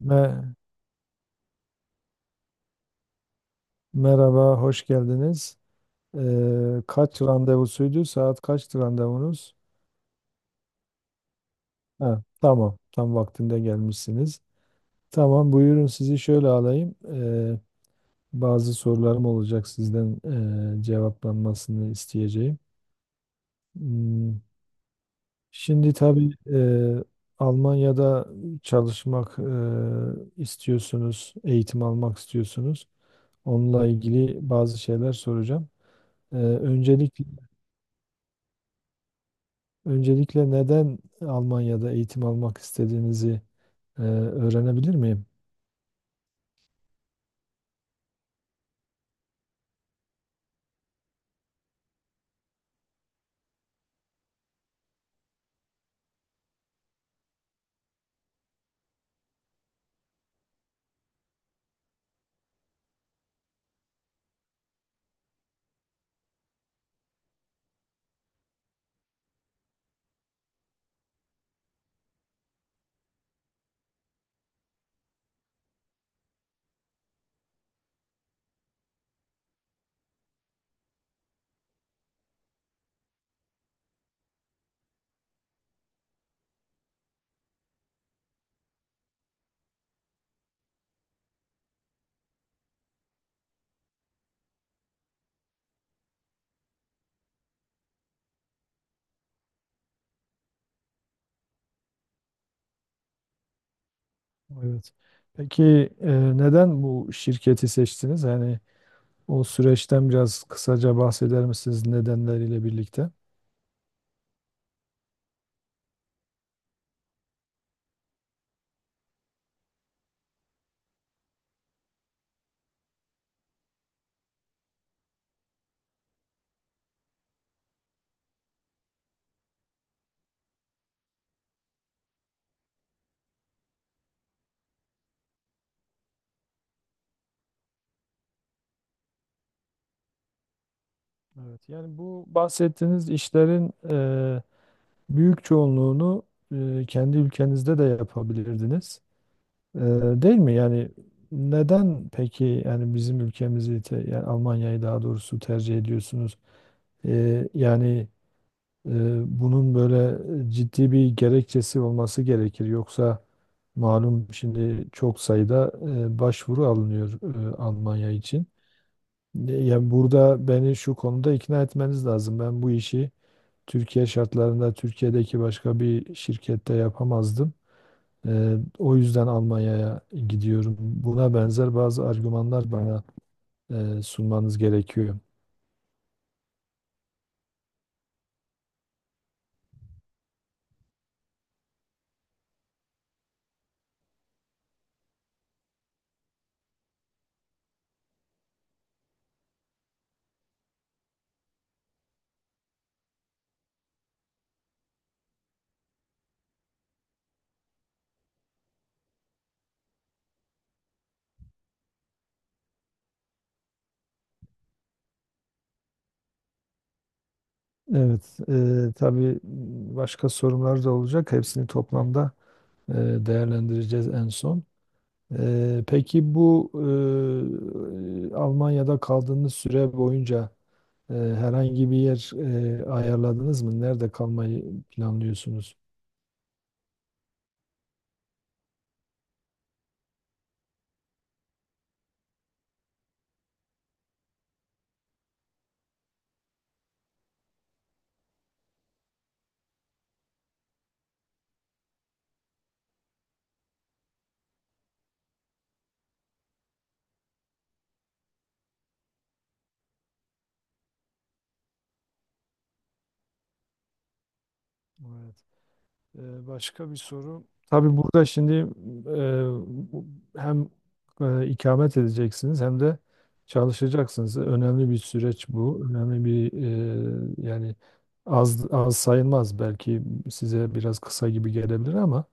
Me- Merhaba, hoş geldiniz. Kaç randevusuydu? Saat kaçtı randevunuz? Ha, tamam, tam vaktinde gelmişsiniz. Tamam, buyurun sizi şöyle alayım. Bazı sorularım olacak sizden cevaplanmasını isteyeceğim. Hmm, Şimdi tabii, Almanya'da çalışmak istiyorsunuz, eğitim almak istiyorsunuz. Onunla ilgili bazı şeyler soracağım. Ee, Öncelikle Öncelikle neden Almanya'da eğitim almak istediğinizi öğrenebilir miyim? Evet. Peki neden bu şirketi seçtiniz? Yani o süreçten biraz kısaca bahseder misiniz nedenleriyle birlikte? Evet, yani bu bahsettiğiniz işlerin e, büyük çoğunluğunu kendi ülkenizde de yapabilirdiniz. E, Değil mi? Yani neden peki yani bizim ülkemizi yani Almanya'yı daha doğrusu tercih ediyorsunuz? E, yani ee, Bunun böyle ciddi bir gerekçesi olması gerekir. Yoksa malum şimdi çok sayıda başvuru alınıyor Almanya için. Yani burada beni şu konuda ikna etmeniz lazım. Ben bu işi Türkiye şartlarında Türkiye'deki başka bir şirkette yapamazdım. O yüzden Almanya'ya gidiyorum. Buna benzer bazı argümanlar bana sunmanız gerekiyor. Evet, tabii başka sorunlar da olacak. Hepsini toplamda e, değerlendireceğiz en son. Peki bu, Almanya'da kaldığınız süre boyunca herhangi bir yer ayarladınız mı? Nerede kalmayı planlıyorsunuz? Başka bir soru. Tabii burada şimdi hem ikamet edeceksiniz hem de çalışacaksınız. Önemli bir süreç bu. Önemli bir, yani az az sayılmaz belki, size biraz kısa gibi gelebilir ama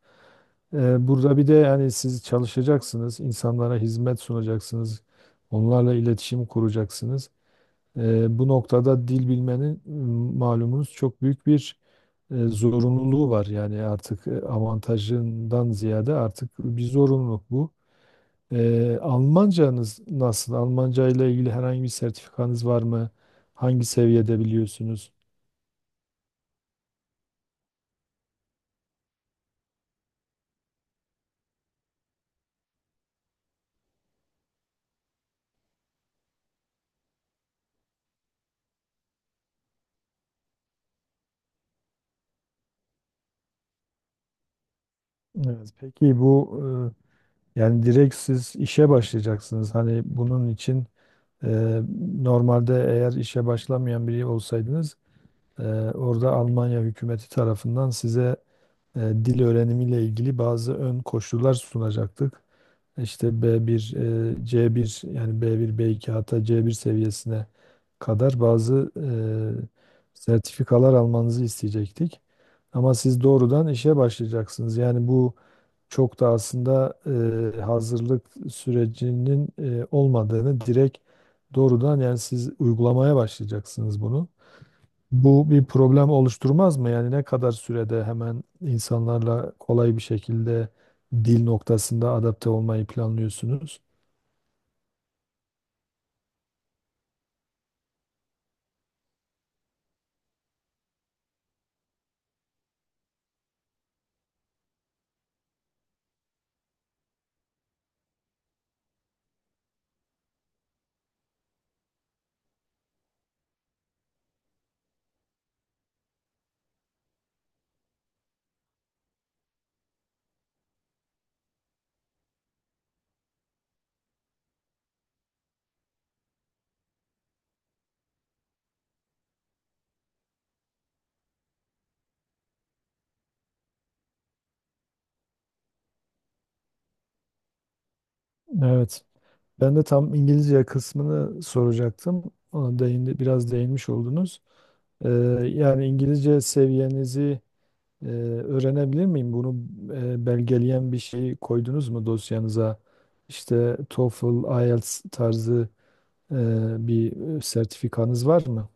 burada bir de yani siz çalışacaksınız, insanlara hizmet sunacaksınız, onlarla iletişim kuracaksınız. Bu noktada dil bilmenin, malumunuz çok büyük bir zorunluluğu var. Yani artık avantajından ziyade artık bir zorunluluk bu. Almancanız nasıl? Almanca ile ilgili herhangi bir sertifikanız var mı? Hangi seviyede biliyorsunuz? Evet, peki bu, yani direkt siz işe başlayacaksınız. Hani bunun için, e, normalde eğer işe başlamayan biri olsaydınız e, orada Almanya hükümeti tarafından size dil öğrenimiyle ilgili bazı ön koşullar sunacaktık. İşte B1, C1, yani B1, B2 hatta C1 seviyesine kadar bazı sertifikalar almanızı isteyecektik. Ama siz doğrudan işe başlayacaksınız. Yani bu çok da aslında hazırlık sürecinin olmadığını, direkt doğrudan yani siz uygulamaya başlayacaksınız bunu. Bu bir problem oluşturmaz mı? Yani ne kadar sürede hemen insanlarla kolay bir şekilde dil noktasında adapte olmayı planlıyorsunuz? Evet. Ben de tam İngilizce kısmını soracaktım. Ona değindi, biraz değinmiş oldunuz. Ee, Yani İngilizce seviyenizi e, öğrenebilir miyim? Bunu belgeleyen bir şey koydunuz mu dosyanıza? İşte TOEFL, IELTS tarzı e, bir sertifikanız var mı?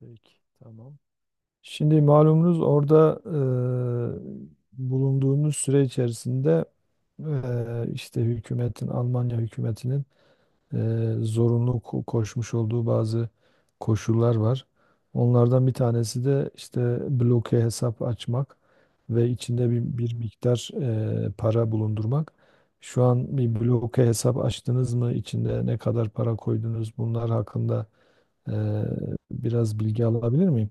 Peki, tamam. Şimdi malumunuz orada bulunduğunuz süre içerisinde işte hükümetin, Almanya hükümetinin e, zorunlu koşmuş olduğu bazı koşullar var. Onlardan bir tanesi de işte bloke hesap açmak ve içinde bir miktar para bulundurmak. Şu an bir bloke hesap açtınız mı? İçinde ne kadar para koydunuz? Bunlar hakkında e, biraz bilgi alabilir miyim?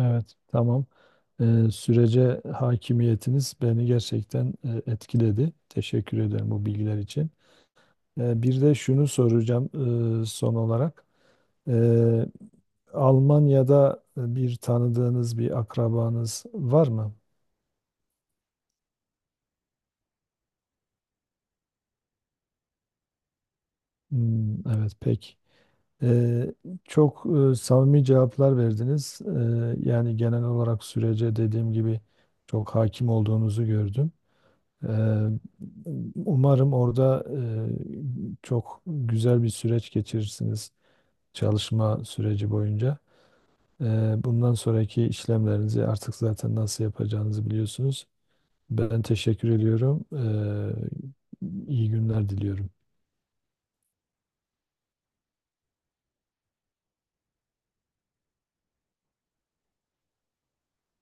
Evet, tamam. Sürece hakimiyetiniz beni gerçekten etkiledi. Teşekkür ederim bu bilgiler için. Bir de şunu soracağım son olarak. Ee, Almanya'da bir tanıdığınız, bir akrabanız var mı? Hmm, evet, pek. Ee, Çok samimi cevaplar verdiniz. Yani genel olarak sürece dediğim gibi çok hakim olduğunuzu gördüm. Eee, Umarım orada çok güzel bir süreç geçirirsiniz çalışma süreci boyunca. Bundan sonraki işlemlerinizi artık zaten nasıl yapacağınızı biliyorsunuz. Ben teşekkür ediyorum. İyi günler diliyorum.